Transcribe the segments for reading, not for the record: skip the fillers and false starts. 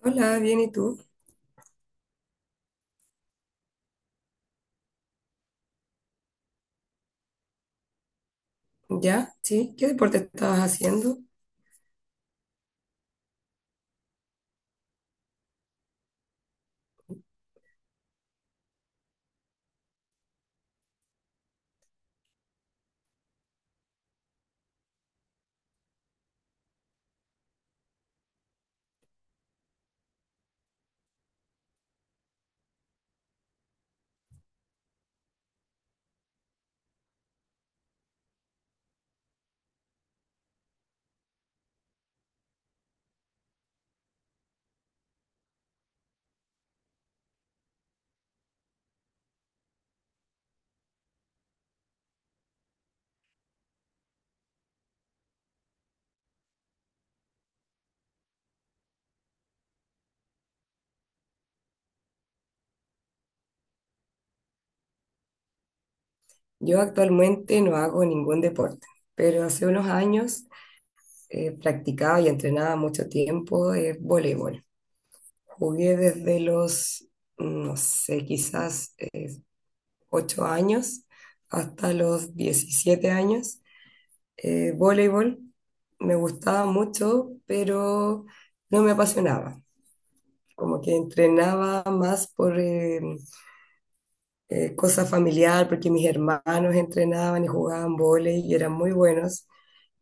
Hola, bien, ¿y tú? ¿Ya? ¿Sí? ¿Qué deporte estabas haciendo? Yo actualmente no hago ningún deporte, pero hace unos años practicaba y entrenaba mucho tiempo voleibol. Jugué desde los, no sé, quizás 8 años hasta los 17 años. Voleibol me gustaba mucho, pero no me apasionaba. Como que entrenaba más por cosa familiar, porque mis hermanos entrenaban y jugaban vóley y eran muy buenos.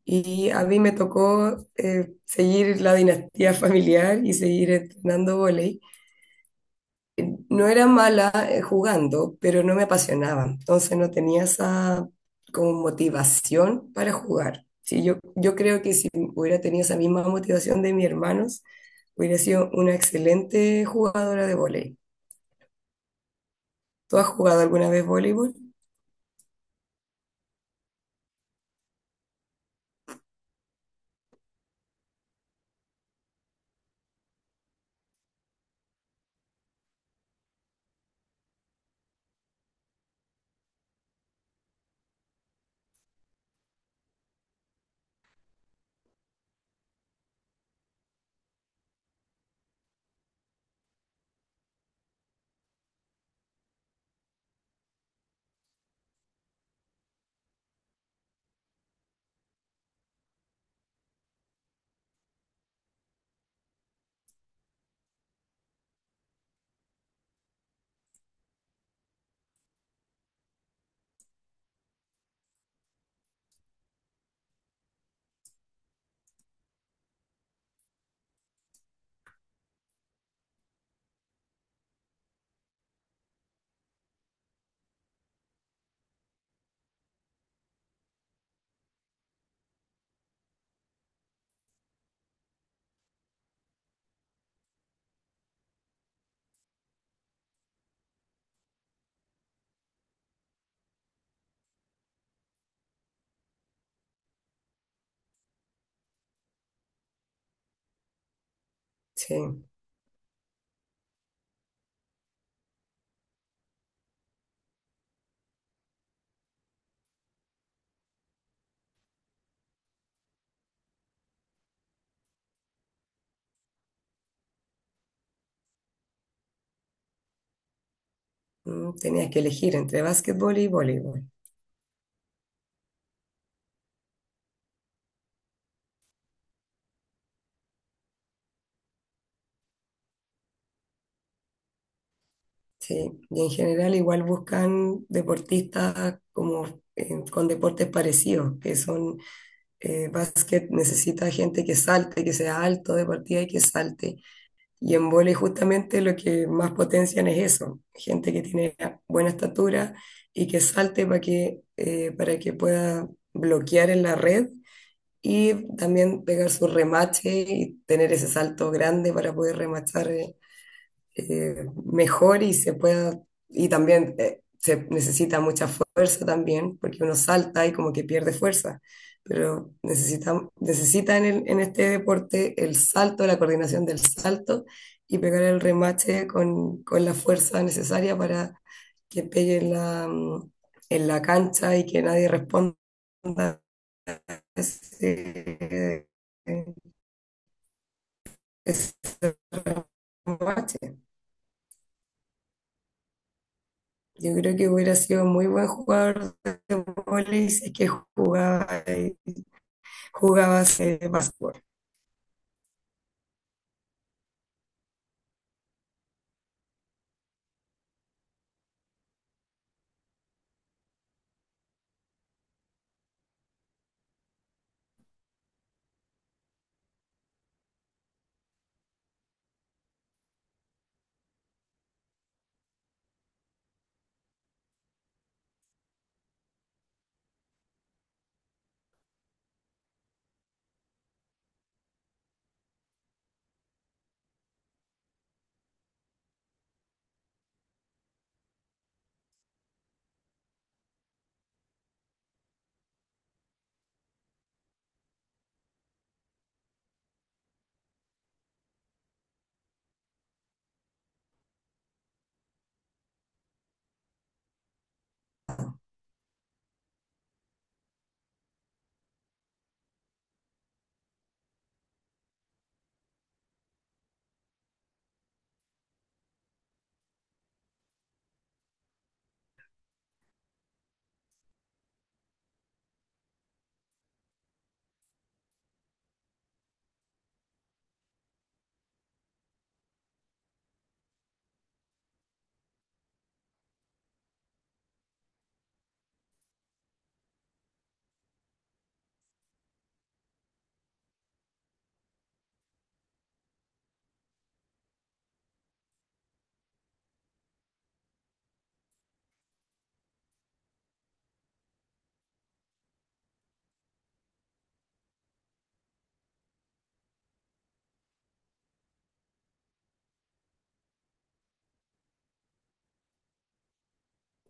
Y a mí me tocó seguir la dinastía familiar y seguir entrenando vóley. No era mala jugando, pero no me apasionaba. Entonces no tenía esa como motivación para jugar. Sí, yo creo que si hubiera tenido esa misma motivación de mis hermanos, hubiera sido una excelente jugadora de vóley. ¿Tú has jugado alguna vez voleibol? Sí. Tenías que elegir entre básquetbol y voleibol. Sí, y en general igual buscan deportistas como con deportes parecidos, que son básquet necesita gente que salte, que sea alto de partida y que salte. Y en vóley justamente lo que más potencian es eso, gente que tiene buena estatura y que salte para que pueda bloquear en la red y también pegar su remache y tener ese salto grande para poder remachar mejor y se pueda, y también se necesita mucha fuerza también, porque uno salta y como que pierde fuerza, pero necesita en, en este deporte el salto, la coordinación del salto y pegar el remache con la fuerza necesaria para que pegue en en la cancha y que nadie responda ese, ese remache. Yo creo que hubiera sido muy buen jugador de vóley si es que jugaba básquetbol.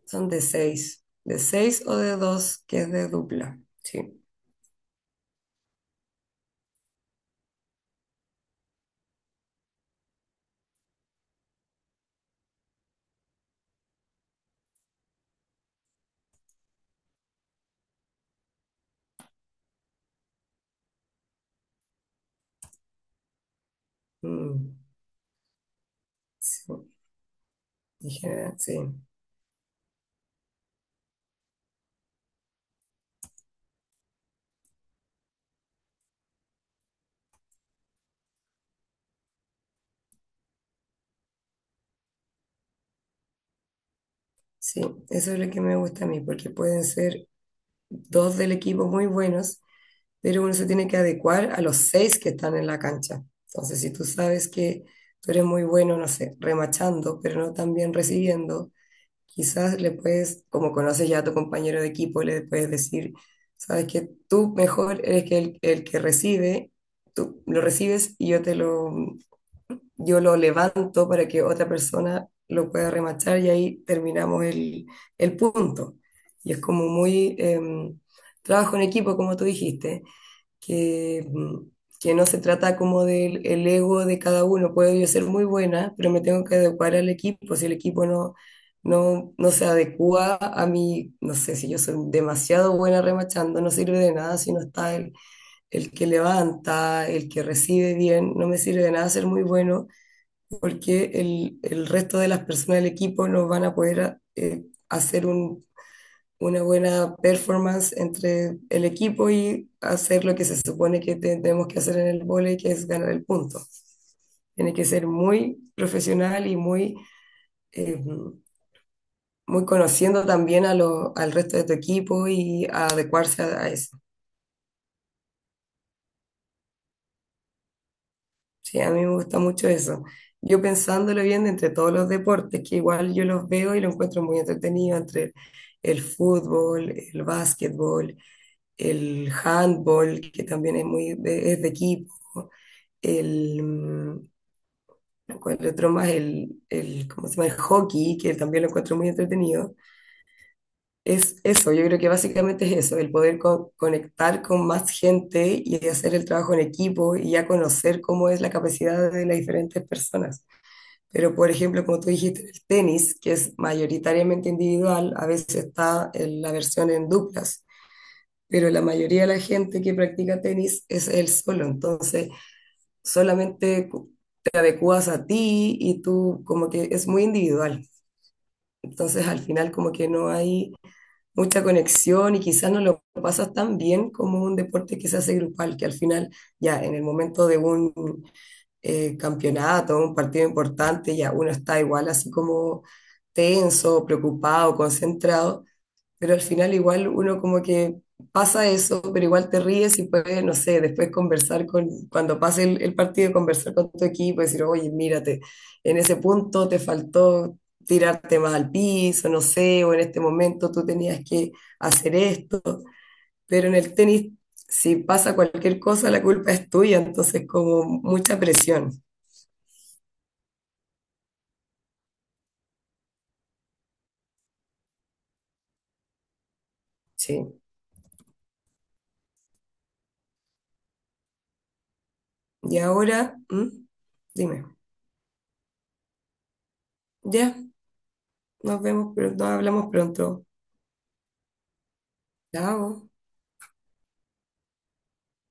Son de seis. De seis o de dos, que es de dupla. Sí. Mm, sí. En general, sí. Sí. Eso es lo que me gusta a mí, porque pueden ser dos del equipo muy buenos, pero uno se tiene que adecuar a los seis que están en la cancha. Entonces, si tú sabes que tú eres muy bueno, no sé, remachando, pero no tan bien recibiendo. Quizás le puedes, como conoces ya a tu compañero de equipo, le puedes decir, sabes que tú mejor eres que el que recibe, tú lo recibes y yo lo levanto para que otra persona lo pueda remachar y ahí terminamos el punto. Y es como muy trabajo en equipo, como tú dijiste que, mm, que no se trata como del el ego de cada uno. Puedo yo ser muy buena, pero me tengo que adecuar al equipo. Si el equipo no se adecua a mí, no sé, si yo soy demasiado buena remachando, no sirve de nada si no está el que levanta, el que recibe bien. No me sirve de nada ser muy bueno porque el resto de las personas del equipo no van a poder hacer un una buena performance entre el equipo y hacer lo que se supone que tenemos que hacer en el vóley, que es ganar el punto. Tiene que ser muy profesional y eh, muy conociendo también a al resto de tu equipo y a adecuarse a eso. Sí, a mí me gusta mucho eso. Yo pensándolo bien de entre todos los deportes, que igual yo los veo y lo encuentro muy entretenido entre el fútbol, el básquetbol, el handball, que también es es de equipo, el, mm, ¿cuál otro más? ¿Cómo se llama? El hockey, que también lo encuentro muy entretenido. Es eso, yo creo que básicamente es eso, el poder conectar con más gente y hacer el trabajo en equipo y ya conocer cómo es la capacidad de las diferentes personas. Pero, por ejemplo, como tú dijiste, el tenis, que es mayoritariamente individual, a veces está en la versión en duplas, pero la mayoría de la gente que practica tenis es él solo, entonces solamente te adecuas a ti y tú como que es muy individual, entonces al final como que no hay mucha conexión y quizás no lo pasas tan bien como un deporte que se hace grupal, que al final ya en el momento de un campeonato, un partido importante, ya uno está igual así como tenso, preocupado, concentrado, pero al final igual uno como que pasa eso, pero igual te ríes y puedes, no sé, después conversar cuando pase el partido, conversar con tu equipo y decir, oye, mírate, en ese punto te faltó tirarte más al piso, no sé, o en este momento tú tenías que hacer esto, pero en el tenis, si pasa cualquier cosa, la culpa es tuya, entonces como mucha presión, sí. Y ahora, ¿Mm? Dime, ya, nos vemos, pero nos hablamos pronto. Chao.